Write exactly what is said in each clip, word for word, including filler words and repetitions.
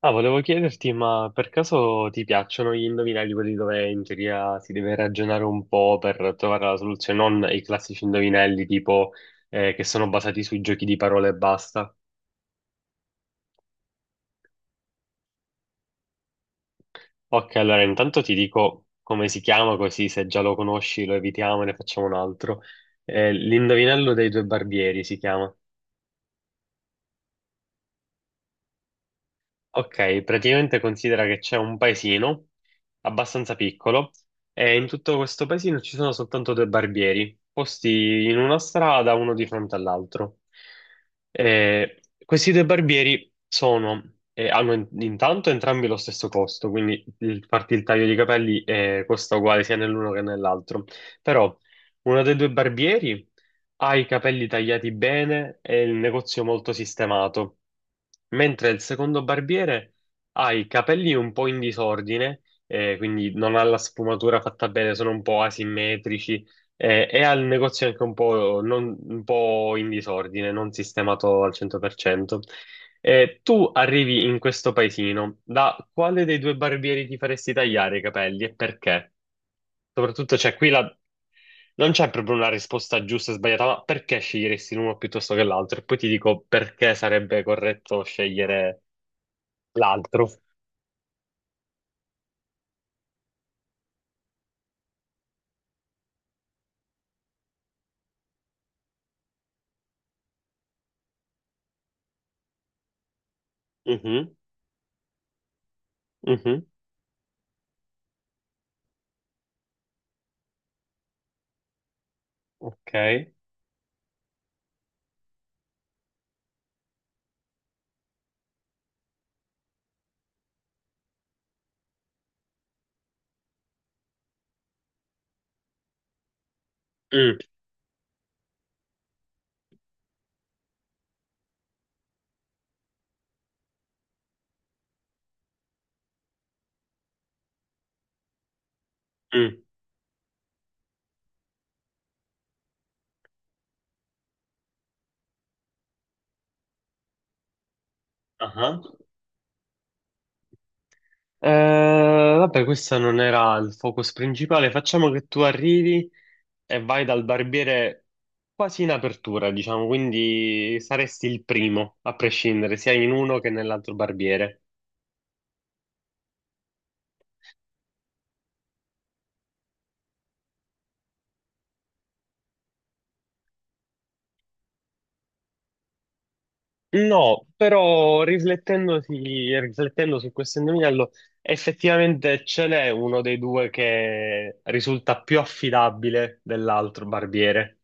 Ah, volevo chiederti, ma per caso ti piacciono gli indovinelli, quelli dove in teoria si deve ragionare un po' per trovare la soluzione, non i classici indovinelli tipo eh, che sono basati sui giochi di parole e basta? Ok, allora intanto ti dico come si chiama, così se già lo conosci lo evitiamo e ne facciamo un altro. Eh, l'indovinello dei due barbieri si chiama. Ok, praticamente considera che c'è un paesino abbastanza piccolo e in tutto questo paesino ci sono soltanto due barbieri, posti in una strada, uno di fronte all'altro. Eh, questi due barbieri sono, eh, hanno in- intanto entrambi lo stesso costo, quindi il, farti il taglio di capelli eh, costa uguale sia nell'uno che nell'altro. Però uno dei due barbieri ha i capelli tagliati bene e il negozio molto sistemato, mentre il secondo barbiere ha i capelli un po' in disordine, eh, quindi non ha la sfumatura fatta bene, sono un po' asimmetrici, eh, e ha il negozio anche un po', non- un po' in disordine, non sistemato al cento per cento. Eh, tu arrivi in questo paesino, da quale dei due barbieri ti faresti tagliare i capelli e perché? Soprattutto c'è qui la non c'è proprio una risposta giusta e sbagliata, ma perché sceglieresti l'uno piuttosto che l'altro? E poi ti dico perché sarebbe corretto scegliere l'altro. Mhm, mhm. Ok. Mm, mm, aha. Eh, vabbè, questo non era il focus principale. Facciamo che tu arrivi e vai dal barbiere quasi in apertura, diciamo, quindi saresti il primo a prescindere sia in uno che nell'altro barbiere. No, però riflettendosi- riflettendo su questo indovinello, effettivamente ce n'è uno dei due che risulta più affidabile dell'altro barbiere.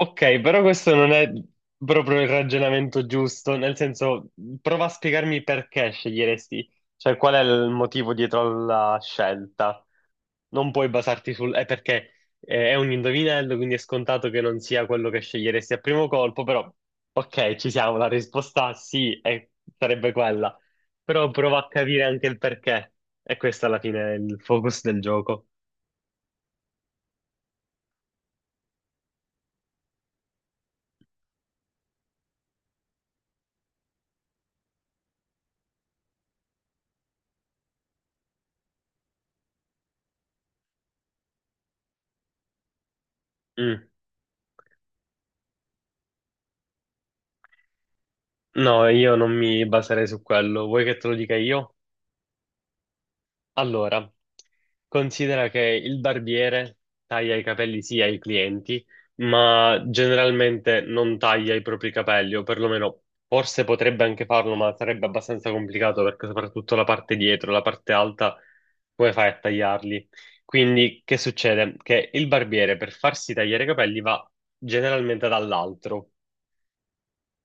Ok, però questo non è proprio il ragionamento giusto, nel senso, prova a spiegarmi perché sceglieresti, cioè qual è il motivo dietro alla scelta. Non puoi basarti sul... è perché eh, è un indovinello, quindi è scontato che non sia quello che sceglieresti a primo colpo, però ok, ci siamo, la risposta sì, è- sarebbe quella, però prova a capire anche il perché, e questo alla fine è il focus del gioco. Mm. No, io non mi baserei su quello, vuoi che te lo dica io? Allora, considera che il barbiere taglia i capelli sì ai clienti, ma generalmente non taglia i propri capelli, o perlomeno forse potrebbe anche farlo, ma sarebbe abbastanza complicato perché soprattutto la parte dietro, la parte alta, come fai a tagliarli? Quindi che succede? Che il barbiere per farsi tagliare i capelli va generalmente dall'altro.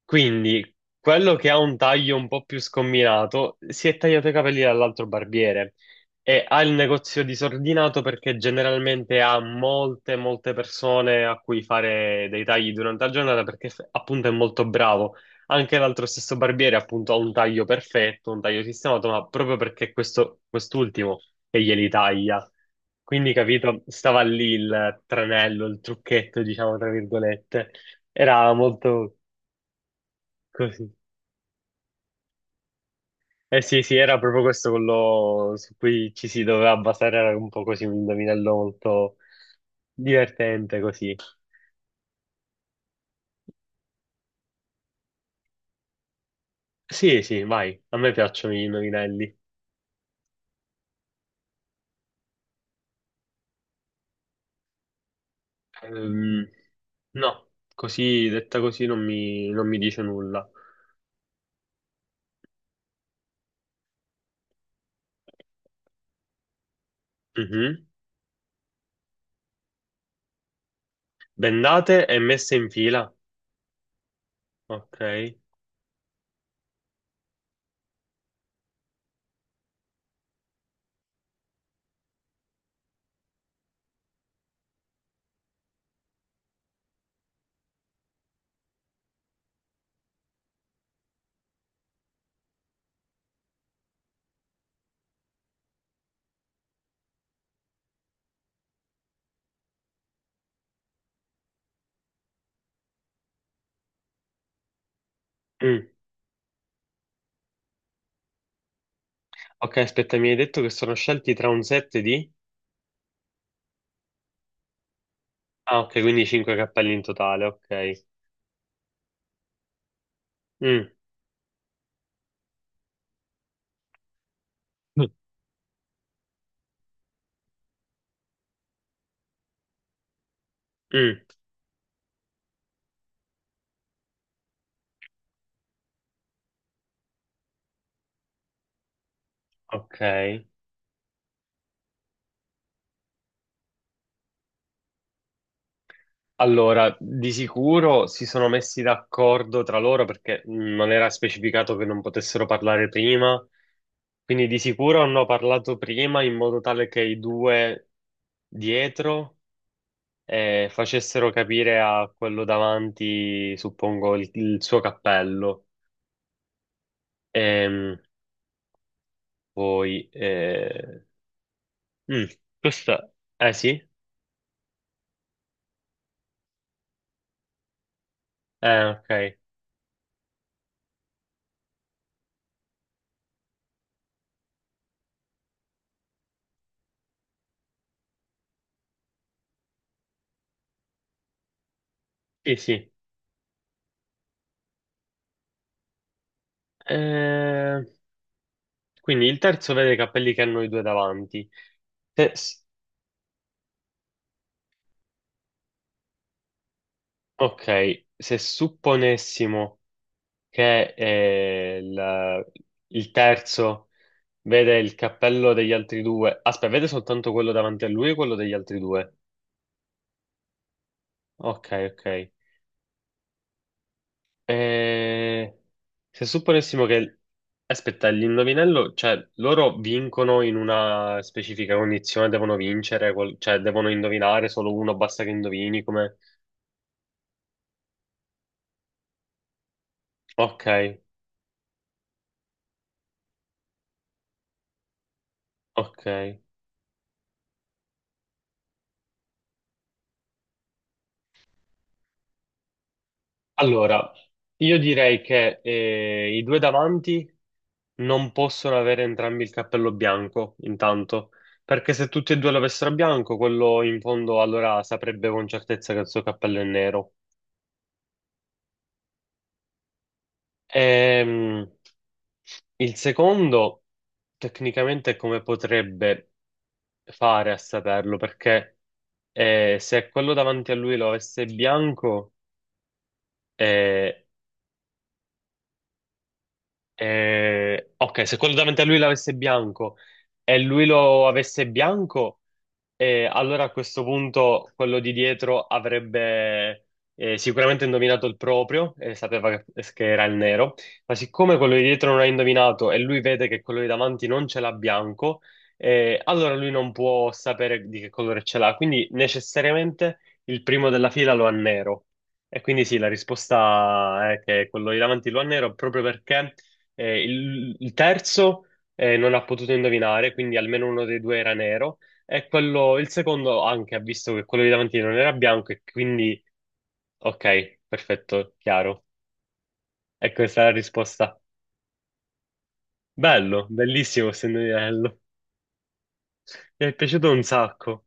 Quindi quello che ha un taglio un po' più scombinato si è tagliato i capelli dall'altro barbiere e ha il negozio disordinato perché generalmente ha molte, molte persone a cui fare dei tagli durante la giornata perché f- appunto è molto bravo. Anche l'altro stesso barbiere appunto ha un taglio perfetto, un taglio sistemato, ma proprio perché questo, quest'ultimo che glieli taglia. Quindi, capito, stava lì il tranello, il trucchetto, diciamo, tra virgolette. Era molto così. Eh sì, sì, era proprio questo quello su cui ci si doveva basare, era un po' così un indovinello molto divertente così. Sì, sì, vai, a me piacciono gli indovinelli. Ehm, no, così, detta così non mi, non mi dice nulla. Mhm. Bendate e messe in fila. Ok. Mm. Ok, aspetta, mi hai detto che sono scelti tra un set di... Ah, ok, quindi cinque cappelli in totale, ok. Mm. Mm. Ok. Allora, di sicuro si sono messi d'accordo tra loro perché mh, non era specificato che non potessero parlare prima, quindi di sicuro hanno parlato prima in modo tale che i due dietro eh, facessero capire a quello davanti, suppongo, il, il suo cappello. Ehm, Poi, eh, mm, questa, eh sì, eh ok, sì, sì. Eh, quindi il terzo vede i capelli che hanno i due davanti. Se- Ok, se supponessimo che eh, il, il terzo vede il cappello degli altri due, aspetta, vede soltanto quello davanti a lui e quello degli altri due. Ok, ok. Eh, se supponessimo che... Aspetta, l'indovinello, cioè loro vincono in una specifica condizione, devono vincere, qual- cioè devono indovinare, solo uno basta che indovini come... Ok, ok. Allora, io direi che eh, i due davanti non possono avere entrambi il cappello bianco, intanto, perché se tutti e due l'avessero bianco, quello in fondo allora saprebbe con certezza che il suo cappello è nero. Ehm, il secondo, tecnicamente, come potrebbe fare a saperlo? Perché eh, se quello davanti a lui lo avesse bianco, eh, Eh, ok, se quello davanti a lui l'avesse bianco e lui lo avesse bianco, eh, allora a questo punto quello di dietro avrebbe eh, sicuramente indovinato il proprio e sapeva che, che era il nero, ma siccome quello di dietro non ha indovinato e lui vede che quello di davanti non ce l'ha bianco, eh, allora lui non può sapere di che colore ce l'ha, quindi necessariamente il primo della fila lo ha nero. E quindi sì, la risposta è che quello di davanti lo ha nero proprio perché eh, il, il terzo eh, non ha potuto indovinare, quindi almeno uno dei due era nero. E quello, il secondo anche ha visto che quello di davanti non era bianco, e quindi ok, perfetto, chiaro. E questa è la risposta. Bello, bellissimo questo indovinello. Mi è piaciuto un sacco.